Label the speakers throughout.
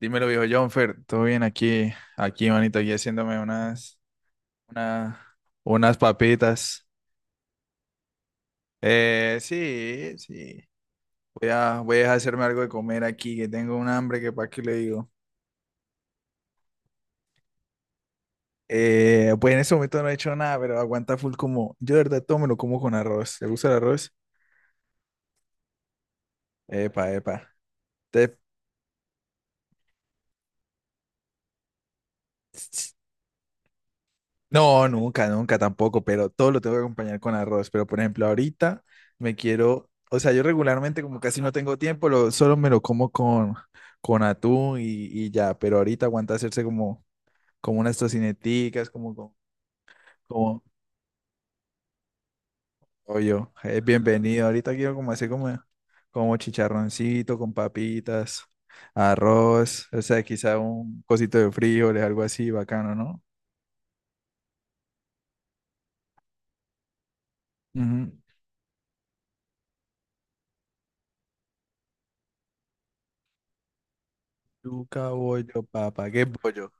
Speaker 1: Dímelo, viejo Jonfer, todo bien aquí, aquí, manito, aquí haciéndome una, unas papitas. Sí. Voy a hacerme algo de comer aquí, que tengo un hambre que para qué le digo. Pues en este momento no he hecho nada, pero aguanta full como. Yo de verdad todo me lo como con arroz. ¿Te gusta el arroz? Epa, epa. Te- No, nunca, nunca tampoco, pero todo lo tengo que acompañar con arroz. Pero por ejemplo, ahorita me quiero, o sea, yo regularmente como casi no tengo tiempo, lo, solo me lo como con atún y ya, pero ahorita aguanta hacerse como, como unas tocineticas, como, pollo. Es bienvenido. Ahorita quiero como hacer como, como chicharroncito con papitas, arroz, o sea, quizá un cosito de frijoles, algo así, bacano, ¿no? Ujú. Yuca, bollo, papa, ¿qué es bollo?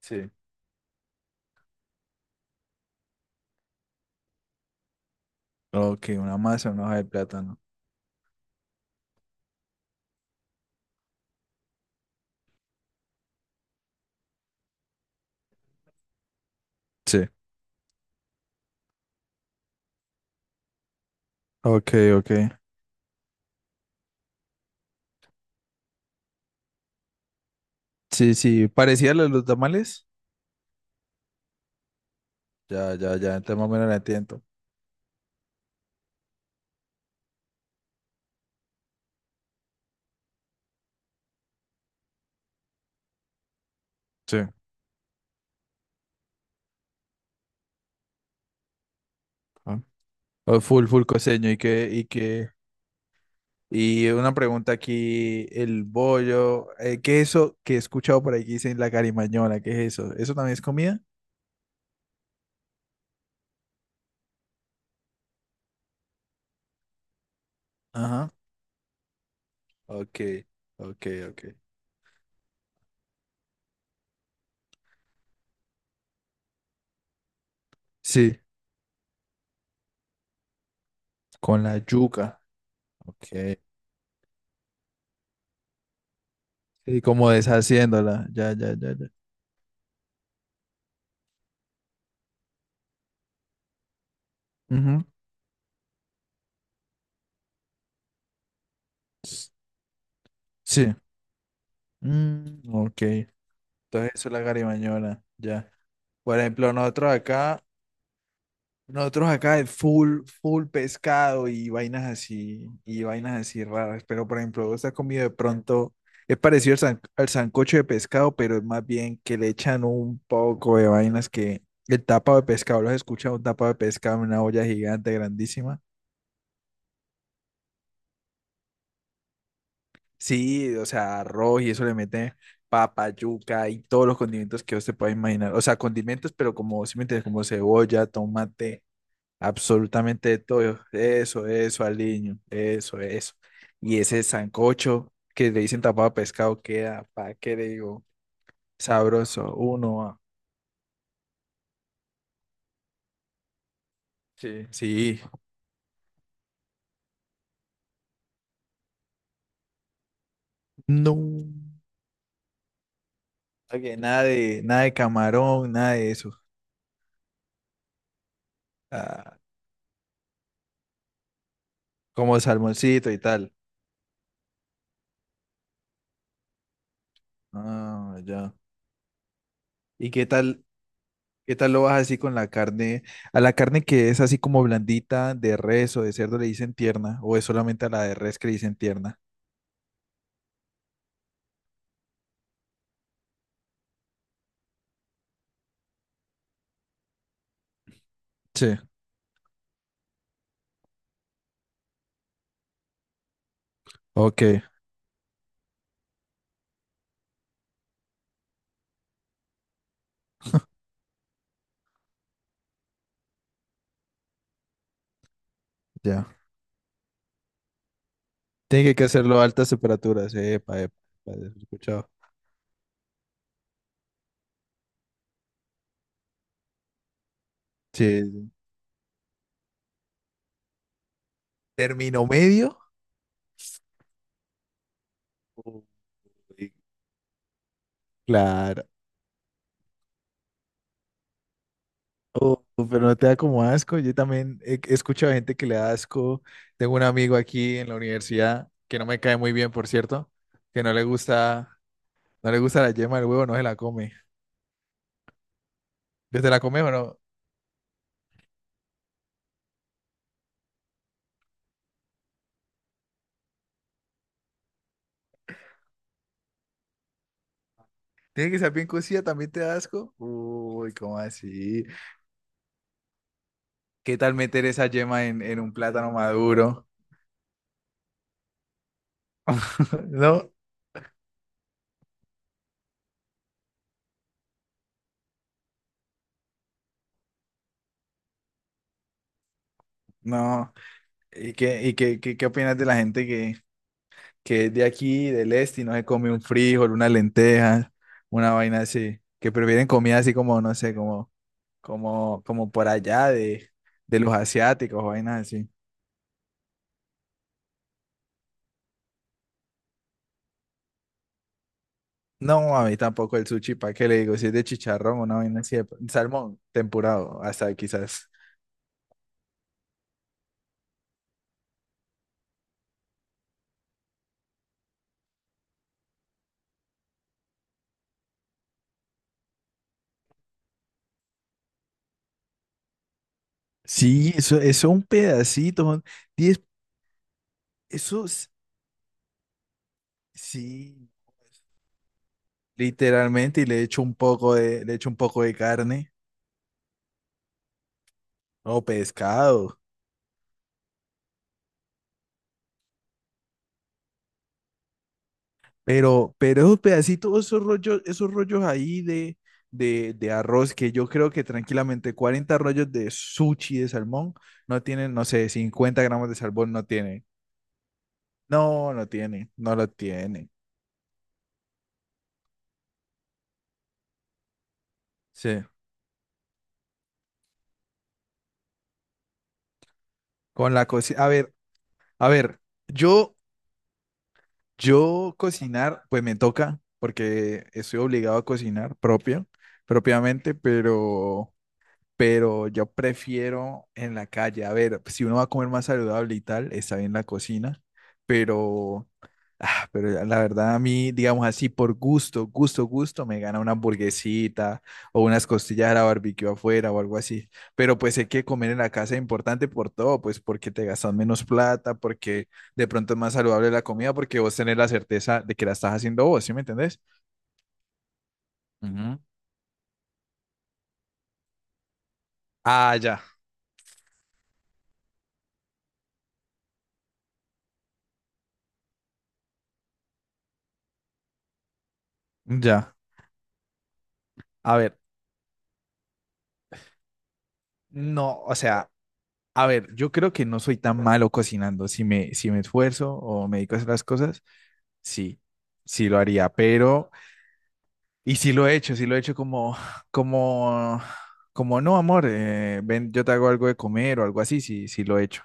Speaker 1: Sí. Ok, una masa, una hoja de plátano. Sí. Ok, ok. Sí, sí, parecía lo de los tamales. Ya, ya, ya, entonces más o menos la entiendo. Sí. Ah. Oh, full, full coseño. Y una pregunta aquí, el bollo, ¿qué es eso que he escuchado por ahí que dicen la carimañola? ¿Qué es eso? ¿Eso también es comida? Ajá. Ok, ok, ok. Sí, con la yuca. Ok. Sí, como deshaciéndola. Ya, ya, ya, ya. Ujú. Sí. Mm, ok. Entonces eso es la garibañola, ya. Por ejemplo, nosotros acá es full, full pescado y vainas así raras. Pero por ejemplo, vos has comido de pronto, es parecido al, al sancocho de pescado, pero es más bien que le echan un poco de vainas que el tapado de pescado, ¿lo has escuchado? Un tapado de pescado en una olla gigante, grandísima. Sí, o sea, arroz y eso le meten papa, yuca y todos los condimentos que usted pueda imaginar. O sea, condimentos, pero como, si me entiendes, como cebolla, tomate. Absolutamente de todo. Eso, aliño. Eso, eso. Y ese sancocho que le dicen tapado de pescado queda, ¿para qué le digo? Sabroso. Uno, ah, sí, sí. No. Oye, nada de, nada de camarón, nada de eso. Ah, como salmoncito y tal. Ah, ya. ¿Y qué tal lo vas así con la carne? A la carne que es así como blandita, de res o de cerdo le dicen tierna, o es solamente a la de res que le dicen tierna. Sí. Ok, ya. Tiene que hacerlo a altas temperaturas, epa, epa, epa, he escuchado. Sí, sí. ¿Término medio? Uy, claro. Oh, pero no te da como asco. Yo también he escuchado gente que le da asco. Tengo un amigo aquí en la universidad que no me cae muy bien, por cierto, que no le gusta, no le gusta la yema del huevo, no se la come. ¿Desde la come o no? Tiene que ser bien cocida, también te da asco. Uy, ¿cómo así? ¿Qué tal meter esa yema en un plátano maduro? No, no. ¿Qué opinas de la gente que es de aquí, del este, y no se come un frijol, una lenteja, una vaina así? Que prefieren comida así como, no sé, como por allá de los asiáticos, vainas así. No, a mí tampoco el sushi, ¿para qué le digo? Si es de chicharrón, una vaina así, salmón temporado, hasta quizás. Sí, eso un pedacito, son 10, eso es- sí, literalmente, y le echo un poco de, le echo un poco de carne o pescado. Pero esos pedacitos, esos rollos ahí de, de arroz, que yo creo que tranquilamente 40 rollos de sushi de salmón no tienen, no sé, 50 gramos de salmón no tienen. No, no tienen, no lo tienen. Sí. Con la cocina. A ver, yo, yo cocinar, pues me toca, porque estoy obligado a cocinar propio, propiamente, pero. Pero yo prefiero en la calle. A ver, pues, si uno va a comer más saludable y tal, está bien la cocina, pero, ah, pero ya la verdad a mí, digamos así, por gusto, gusto, gusto, me gana una hamburguesita o unas costillas a la barbecue afuera o algo así. Pero pues hay que comer en la casa es importante por todo, pues porque te gastas menos plata, porque de pronto es más saludable la comida, porque vos tenés la certeza de que la estás haciendo vos, ¿sí me entendés? Ujú. Ah, ya, ya. A ver, no, o sea. A ver, yo creo que no soy tan malo cocinando. Si me, si me esfuerzo o me dedico a hacer las cosas, sí, sí lo haría, pero y sí lo he hecho, sí lo he hecho como, como, como no, amor, ven, yo te hago algo de comer o algo así, sí, sí lo he hecho.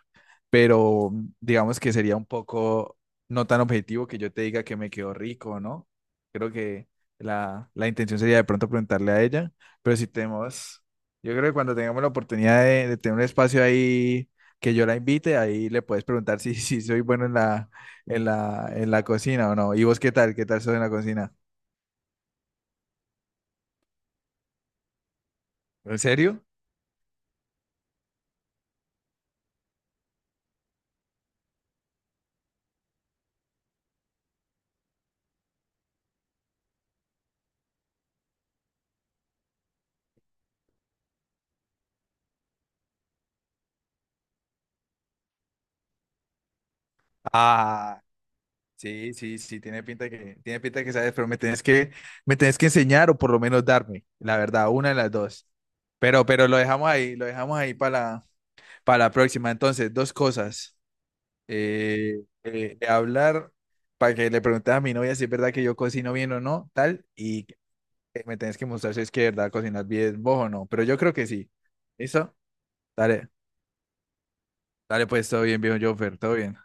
Speaker 1: Pero digamos que sería un poco no tan objetivo que yo te diga que me quedó rico, ¿no? Creo que la intención sería de pronto preguntarle a ella, pero si tenemos, yo creo que cuando tengamos la oportunidad de tener un espacio ahí que yo la invite, ahí le puedes preguntar si, si soy bueno en la, en la, en la cocina o no. ¿Y vos qué tal? ¿Qué tal sos en la cocina? ¿En serio? Ah, sí, sí, sí, tiene pinta de que, tiene pinta de que sabes, pero me tenés que enseñar o por lo menos darme, la verdad, una de las dos. Pero lo dejamos ahí para la próxima. Entonces, dos cosas. Hablar para que le preguntes a mi novia si es verdad que yo cocino bien o no, tal, y que me tenés que mostrar si es que de verdad cocinas bien vos o no. Pero yo creo que sí. ¿Listo? Dale, dale pues, todo bien, viejo Jonfer, todo bien.